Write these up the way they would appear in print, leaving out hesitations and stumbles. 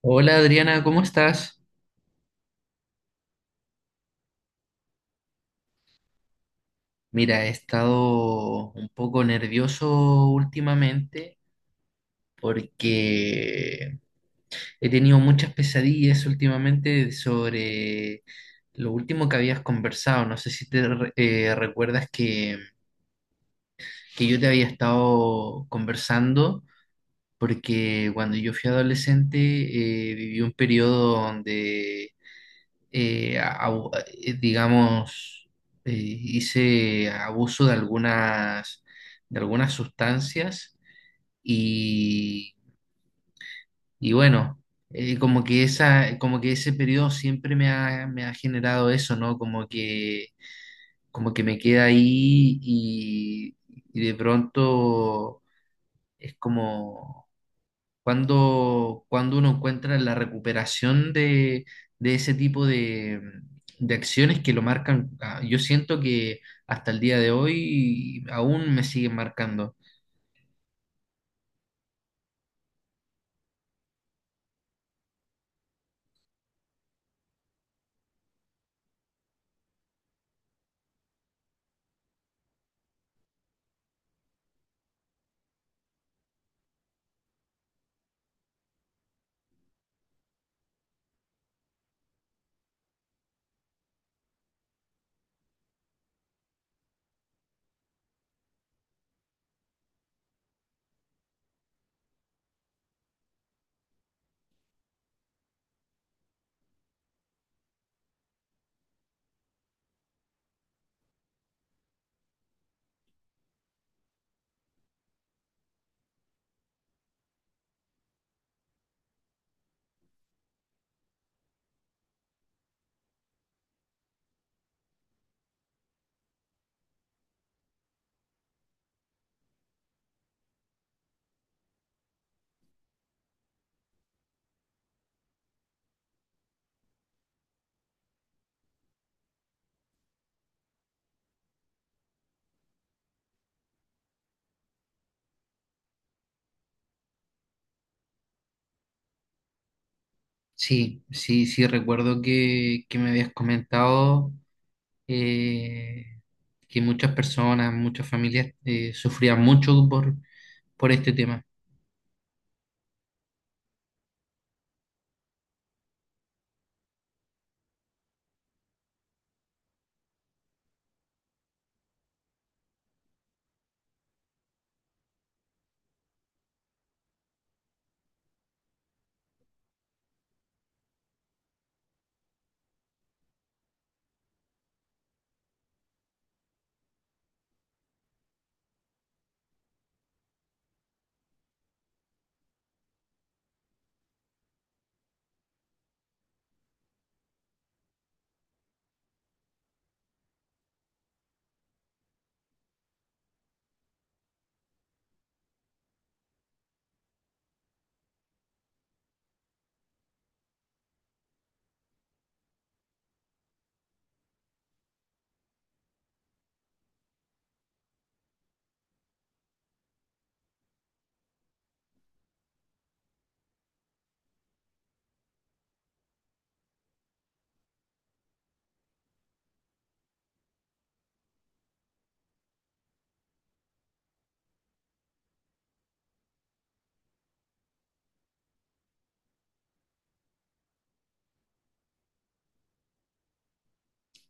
Hola Adriana, ¿cómo estás? Mira, he estado un poco nervioso últimamente porque he tenido muchas pesadillas últimamente sobre lo último que habías conversado. No sé si te recuerdas que yo te había estado conversando porque cuando yo fui adolescente viví un periodo donde eh, a- a- digamos, hice abuso de de algunas sustancias y, y bueno, como que esa, como que ese periodo siempre me ha generado eso, ¿no? Como que me queda ahí, y de pronto es como cuando, cuando uno encuentra la recuperación de ese tipo de acciones que lo marcan, ah, yo siento que hasta el día de hoy aún me siguen marcando. Sí, sí, sí, recuerdo que me habías comentado eh, que muchas personas, muchas familias sufrían mucho por este tema.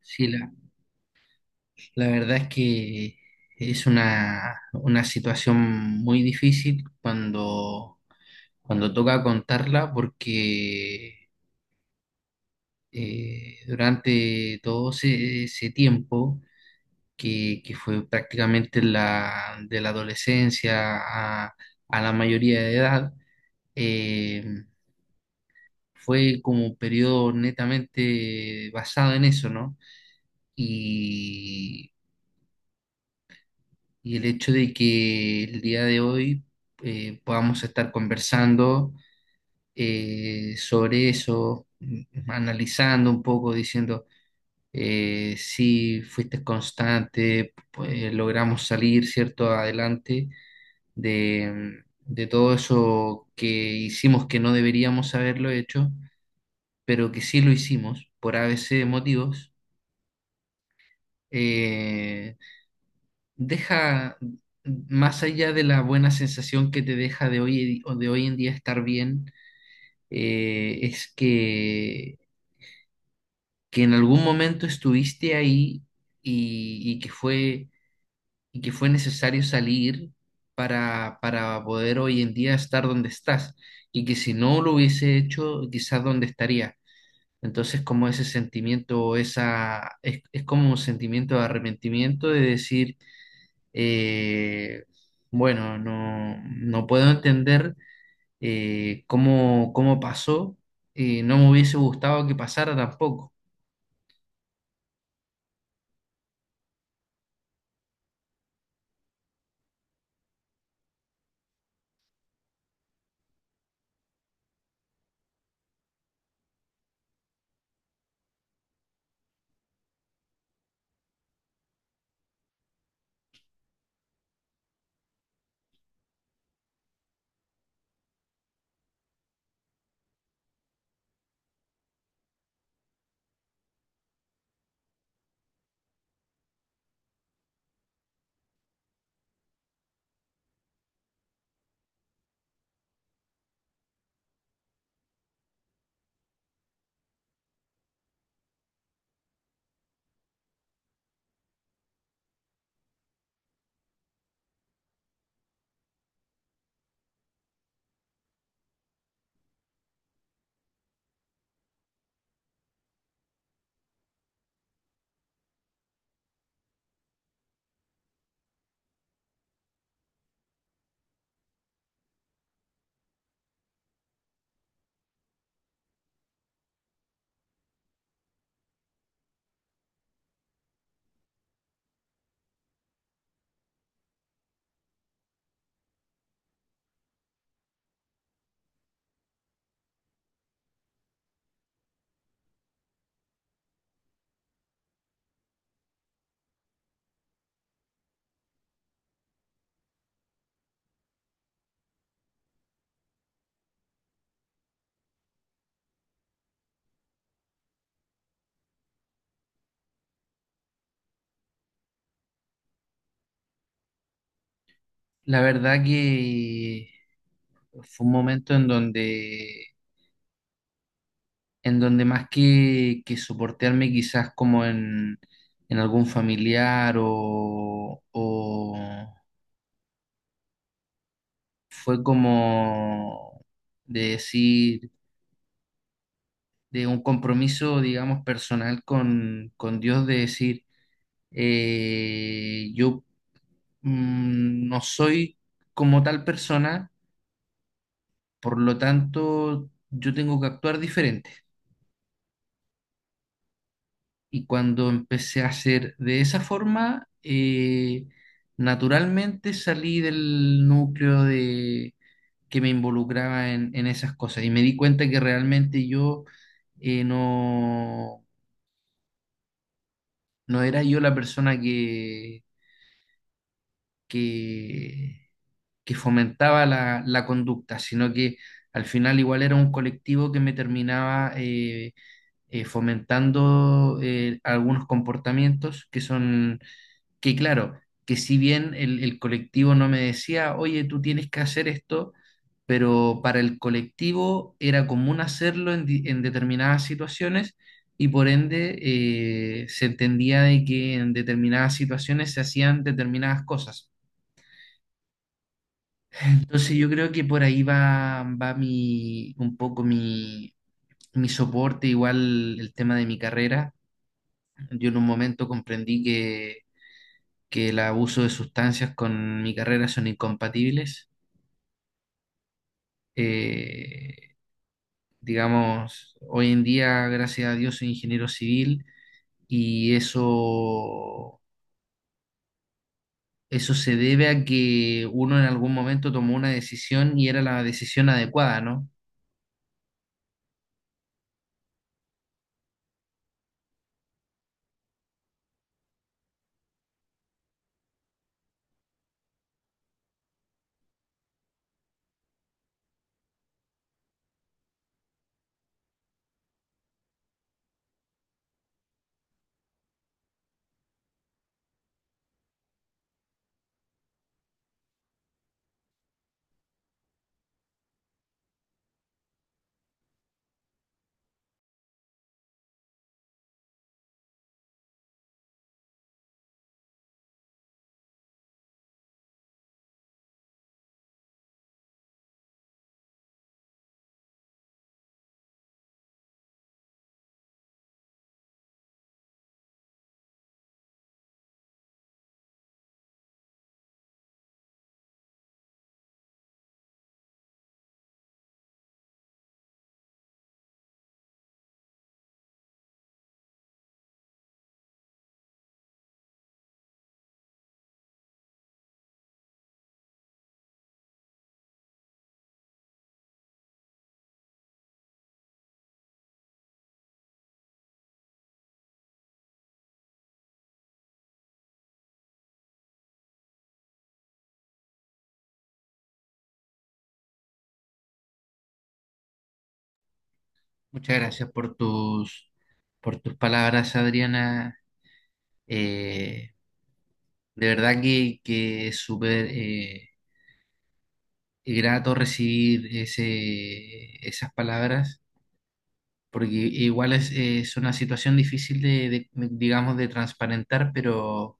Sí, la verdad es que es una situación muy difícil cuando cuando toca contarla porque durante todo ese, ese tiempo, que fue prácticamente la, de la adolescencia a, a la mayoría de edad, eh, fue como un periodo netamente basado en eso, ¿no? Y, y el hecho de que el día de hoy podamos estar conversando sobre eso, analizando un poco, diciendo, sí, fuiste constante, pues, logramos salir, ¿cierto?, adelante de todo eso que hicimos que no deberíamos haberlo hecho, pero que sí lo hicimos por a ABC motivos. Eh, deja, más allá de la buena sensación que te deja de hoy, o de hoy en día estar bien, es que en algún momento estuviste ahí y, y que fue y que fue necesario salir para poder hoy en día estar donde estás y que si no lo hubiese hecho, quizás dónde estaría. Entonces, como ese sentimiento, esa, es como un sentimiento de arrepentimiento de decir, eh, bueno, no, no puedo entender cómo, cómo pasó, no me hubiese gustado que pasara tampoco. La verdad que fue un momento en donde más que soportearme quizás como en algún familiar o fue como de decir, de un compromiso, digamos, personal con Dios, de decir, yo no soy como tal persona, por lo tanto, yo tengo que actuar diferente. Y cuando empecé a hacer de esa forma, naturalmente salí del núcleo de que me involucraba en esas cosas y me di cuenta que realmente yo no, no era yo la persona que, que fomentaba la, la conducta, sino que al final igual era un colectivo que me terminaba fomentando algunos comportamientos que son que claro, que si bien el colectivo no me decía, oye, tú tienes que hacer esto, pero para el colectivo era común hacerlo en, en determinadas situaciones y por ende se entendía de que en determinadas situaciones se hacían determinadas cosas. Entonces yo creo que por ahí va, va mi, un poco mi, mi soporte, igual el tema de mi carrera. Yo en un momento comprendí que el abuso de sustancias con mi carrera son incompatibles. Eh, digamos, hoy en día, gracias a Dios, soy ingeniero civil y eso se debe a que uno en algún momento tomó una decisión y era la decisión adecuada, ¿no? Muchas gracias por tus palabras, Adriana. Eh, de verdad que es súper grato recibir ese, esas palabras, porque igual es una situación difícil de, digamos, de transparentar,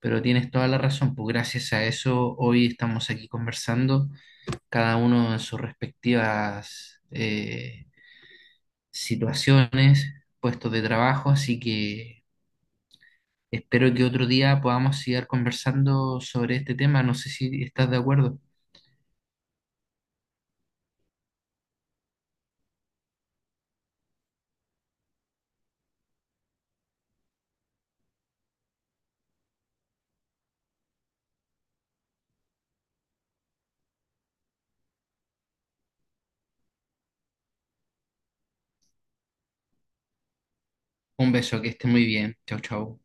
pero tienes toda la razón, pues gracias a eso hoy estamos aquí conversando, cada uno en sus respectivas situaciones, puestos de trabajo, así que espero que otro día podamos seguir conversando sobre este tema, no sé si estás de acuerdo. Un beso, que esté muy bien, chau, chau.